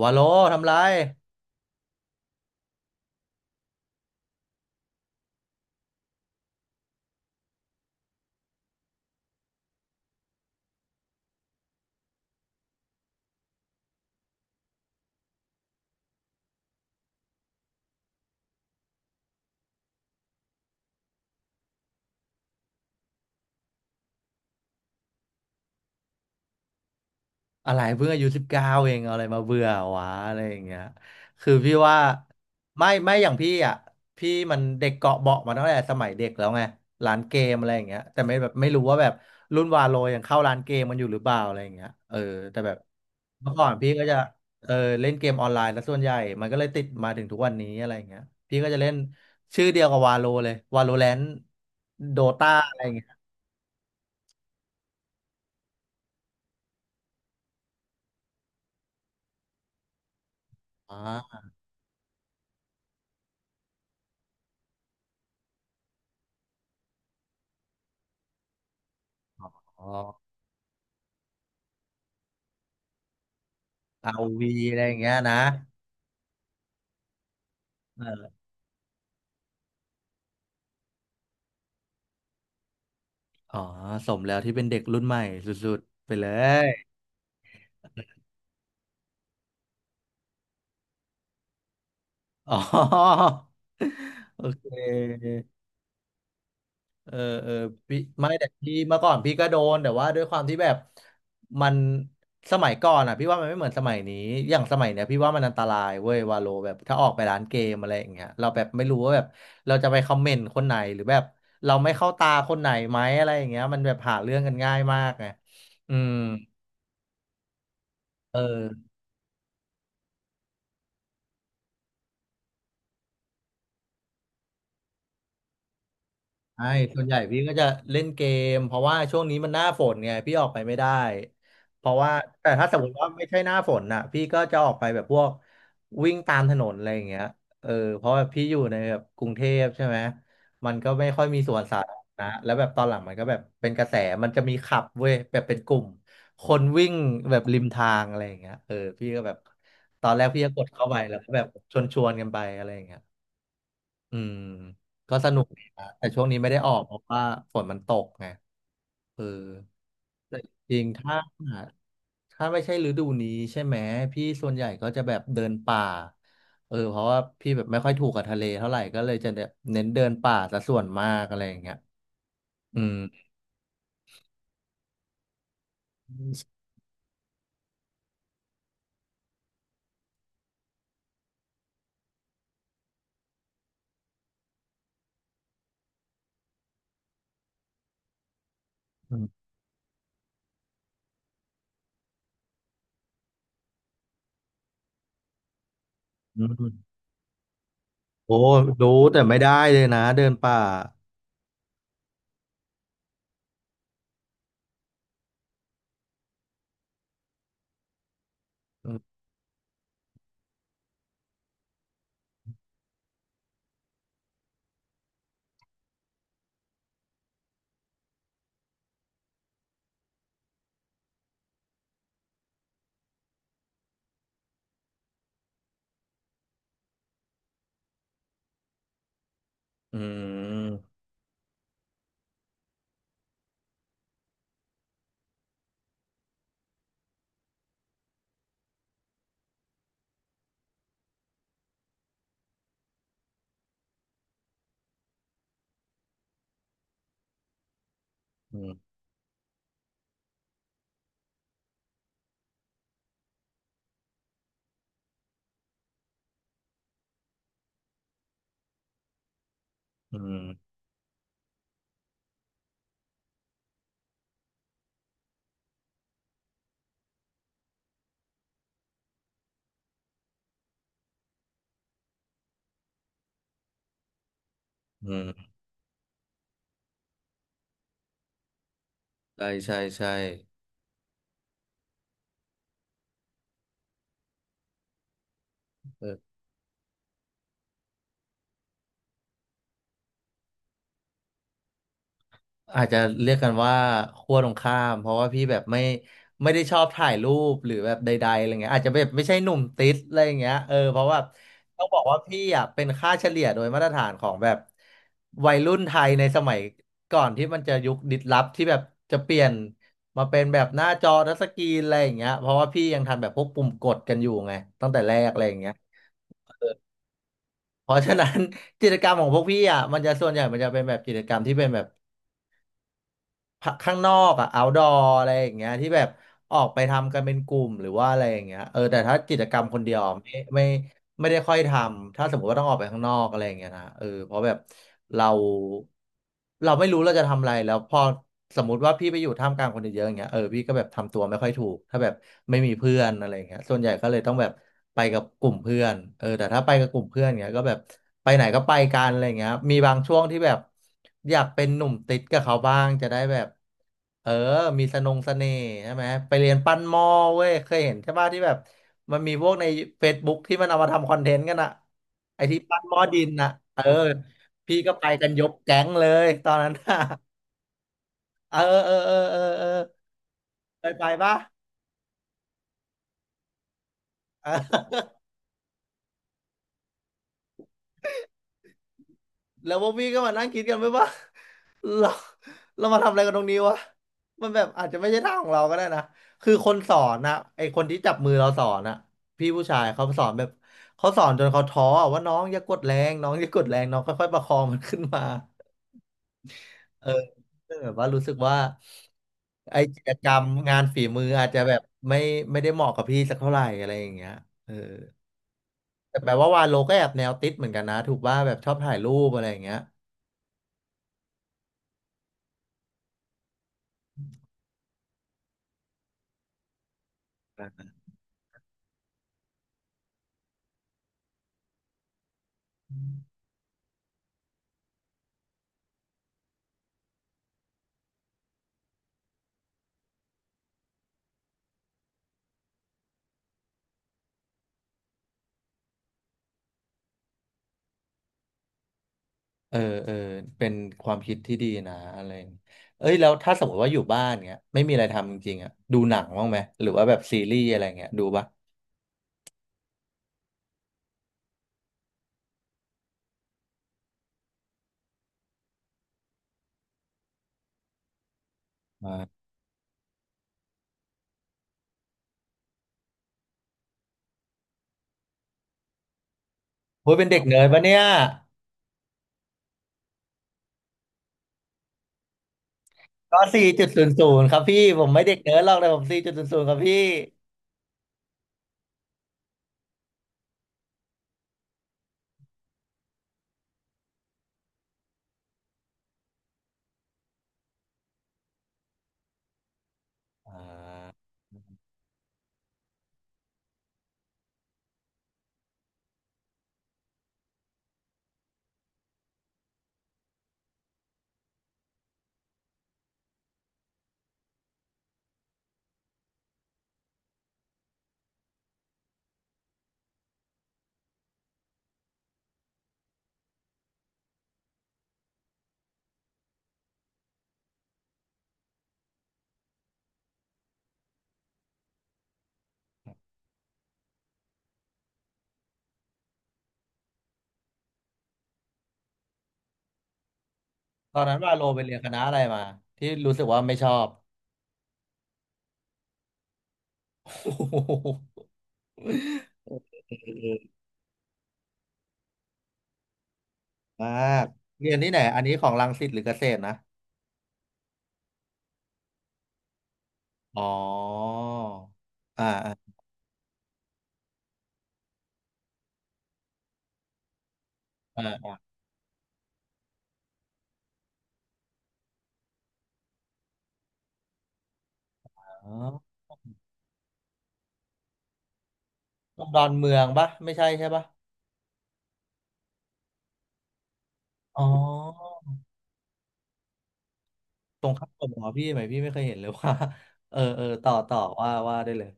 วาโลทำไรอะไรเพิ่งอายุ19เองเอาอะไรมาเบื่อวะอะไรอย่างเงี้ยคือพี่ว่าไม่อย่างพี่อ่ะพี่มันเด็กเกาะเบาะมาตั้งแต่สมัยเด็กแล้วไงร้านเกมอะไรอย่างเงี้ยแต่ไม่แบบไม่รู้ว่าแบบรุ่นวาโลยังเข้าร้านเกมมันอยู่หรือเปล่าอะไรอย่างเงี้ยเออแต่แบบเมื่อก่อนพี่ก็จะเออเล่นเกมออนไลน์ซะส่วนใหญ่มันก็เลยติดมาถึงทุกวันนี้อะไรอย่างเงี้ยพี่ก็จะเล่นชื่อเดียวกับวาโลเลยวาโลแรนต์โดตาอะไรอย่างเงี้ยอ๋อ อาวีอะไรอย่างเงี้ยนะเอออ๋อสมแล้วที่เป็นเด็กรุ่นใหม่สุดๆไปเลยอ๋อโอเคเออเออพี่ไม่แต่พี่เมื่อก่อนพี่ก็โดนแต่ว่าด้วยความที่แบบมันสมัยก่อนอ่ะพี่ว่ามันไม่เหมือนสมัยนี้อย่างสมัยเนี้ยพี่ว่ามันอันตรายเว้ยวาโลแบบถ้าออกไปร้านเกมอะไรอย่างเงี้ยเราแบบไม่รู้ว่าแบบเราจะไปคอมเมนต์คนไหนหรือแบบเราไม่เข้าตาคนไหนไหมอะไรอย่างเงี้ยมันแบบหาเรื่องกันง่ายมากไงอืมเออ ใช่ส่วนใหญ่พี่ก็จะเล่นเกมเพราะว่าช่วงนี้มันหน้าฝนไงพี่ออกไปไม่ได้เพราะว่าแต่ถ้าสมมติว่าไม่ใช่หน้าฝนน่ะพี่ก็จะออกไปแบบพวกวิ่งตามถนนอะไรอย่างเงี้ยเออเพราะว่าพี่อยู่ในแบบกรุงเทพใช่ไหมมันก็ไม่ค่อยมีสวนสาธารณะแล้วแบบตอนหลังมันก็แบบเป็นกระแสมันจะมีขับเว้ยแบบเป็นกลุ่มคนวิ่งแบบริมทางอะไรอย่างเงี้ยเออพี่ก็แบบตอนแรกพี่ก็กดเข้าไปแล้วก็แบบชวนกันไปอะไรอย่างเงี้ย อืมก็สนุกดีนะแต่ช่วงนี้ไม่ได้ออกเพราะว่าฝนมันตกไงเออแต่จริงๆถ้าไม่ใช่ฤดูนี้ใช่ไหมพี่ส่วนใหญ่ก็จะแบบเดินป่าเออเพราะว่าพี่แบบไม่ค่อยถูกกับทะเลเท่าไหร่ก็เลยจะแบบเน้นเดินป่าซะส่วนมากอะไรอย่างเงี้ยอืมอืมอืมโอ้รู้แต่ไม่ได้เลยนะเดินป่าอืมอืมอืมอืมอืมใช่ใช่ใช่เออ อาจจะเรียกกันว่าขั้วตรงข้ามเพราะว่าพี่แบบไม่ได้ชอบถ่ายรูปหรือแบบใดๆอะไรเงี้ยอาจจะแบบไม่ใช่หนุ่มติดอะไร่เงี้ยเออเพราะว่าต้องบอกว่าพี่อ่ะเป็นค่าเฉลี่ยโดยมาตรฐานของแบบวัยรุ่นไทยในสมัยก่อนที่มันจะยุคดิสลอฟที่แบบจะเปลี่ยนมาเป็นแบบหน้าจอทัชสกรีนอะไรอย่างเงี้ยเพราะว่าพี่ยังทันแบบพวกปุ่มกดกันอยู่ไงตั้งแต่แรกอะไรอย่างเงี้ยเพราะฉะนั้น กิจกรรมของพวกพี่อ่ะมันจะส่วนใหญ่มันจะเป็นแบบกิจกรรมที่เป็นแบบ ข้างนอกอะ outdoor อะไรอย่างเงี้ยที่แบบออกไปทำกันเป็นกลุ่มหรือว่าอะไรอย่างเงี้ยเออแต่ถ้ากิจกรรมคนเดียวอะไม่ ไม่ได้ค่อยทำ ถ้าสมมติว่าต้องออกไปข้างนอกอะไรอย่างเงี้ยนะเออเพราะแบบเราเราไม่รู้เราจะทำอะไรแล้วพอสมมติว่าพี่ไปอยู่ท่ามกลางคนเยอะๆอย่างเงี้ยเออพี่ก็แบบทำตัวไม่ค่อยถูกถ้าแบบไม่มีเพื่อนอะไรอย่างเงี้ยส่วนใหญ่ก็เลยต้องแบบไปกับกลุ่มเพื่อนเออแต่ถ้าไปกับกลุ่มเพื่อนเงี้ยก็แบบไปไหนก็ไปกันอะไรอย่างเงี้ยมีบางช่วงที่แบบอยากเป็นหนุ่มติดกับเขาบ้างจะได้แบบ เออ มีสนงเสน่ห์ใช่ไหมไปเรียนปั้นหม้อเว้ย เคยเห็นใช่ป่ะที่แบบมันมีพวกใน Facebook ที่มันเอามาทำคอนเทนต์กันอะไอที่ปั้นหม้อดินอะเออพี่ก็ไปกันยกแก๊งเลยตอนนั้นอะเออเออเออเออเออเคยไปป่ะเออ แล้วพวกพี่ก็มานั่งคิดกันไหมว่า เราเรามาทำอะไรกันตรงนี้วะมันแบบอาจจะไม่ใช่ทางของเราก็ได้นะคือคนสอนนะไอคนที่จับมือเราสอนนะพี่ผู้ชายเขาสอนแบบเขาสอนจนเขาท้ออะว่าน้องอย่ากดแรงน้องอย่ากดแรงน้องค่อยๆประคองมันขึ้นมาเออซึ่งแบบว่ารู้สึกว่าไอกิจกรรมงานฝีมืออาจจะแบบไม่ไม่ได้เหมาะกับพี่สักเท่าไหร่อะไรอย่างเงี้ยเออแต่แปลว่าวาโลก็แอบแนวติดเหมือนกันนะถูกว่าแบบชอบถ่ายรูปอะไรอย่างเงี้ย เออเออเป็นความคิดที่ดีนะอะไรอย่างเอ้ยแล้วถ้าสมมติว่าอยู่บ้านเงี้ยไม่มีอะไรทำจริงๆอ่ะดูหนังบ้างไหมหรือว่าแบบซีรีส์อะไรเงี้ยดูปะอ่าโอ้ยเป็นเด็กเนิร์ดปะเนี่ยก็สี่จุดศูนย์ศูนย์ครับพี่ผมไม่เด็กเนิร์ดหรอกแต่ผมสี่จุดศูนย์ศูนย์ครับพี่ตอนนั้นว่าโลไปเรียนคณะอะไรมาที่รู้สึกว่าไม่ชอบโอ้โหมากเรียนที่ไหนอันนี้ของรังสิตหรือเกษตรนะอ๋ออ่าอ่าอ่าอ๋อตรงดอนเมืองปะไม่ใช่ใช่ปะ อ๋อตรงข้ามกับหมอพี่ไหมพี่ไม่เคยเห็นเลยว่า เออเออต่อว่าได้เลย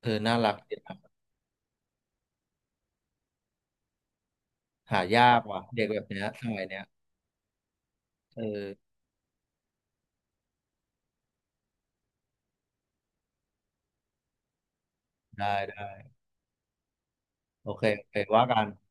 เออน่ารักดีนะหายากว่ะเด็กแบบเนี้ยสมัยเนี้ยเออได้ได้โอเคโอเคว่ากัน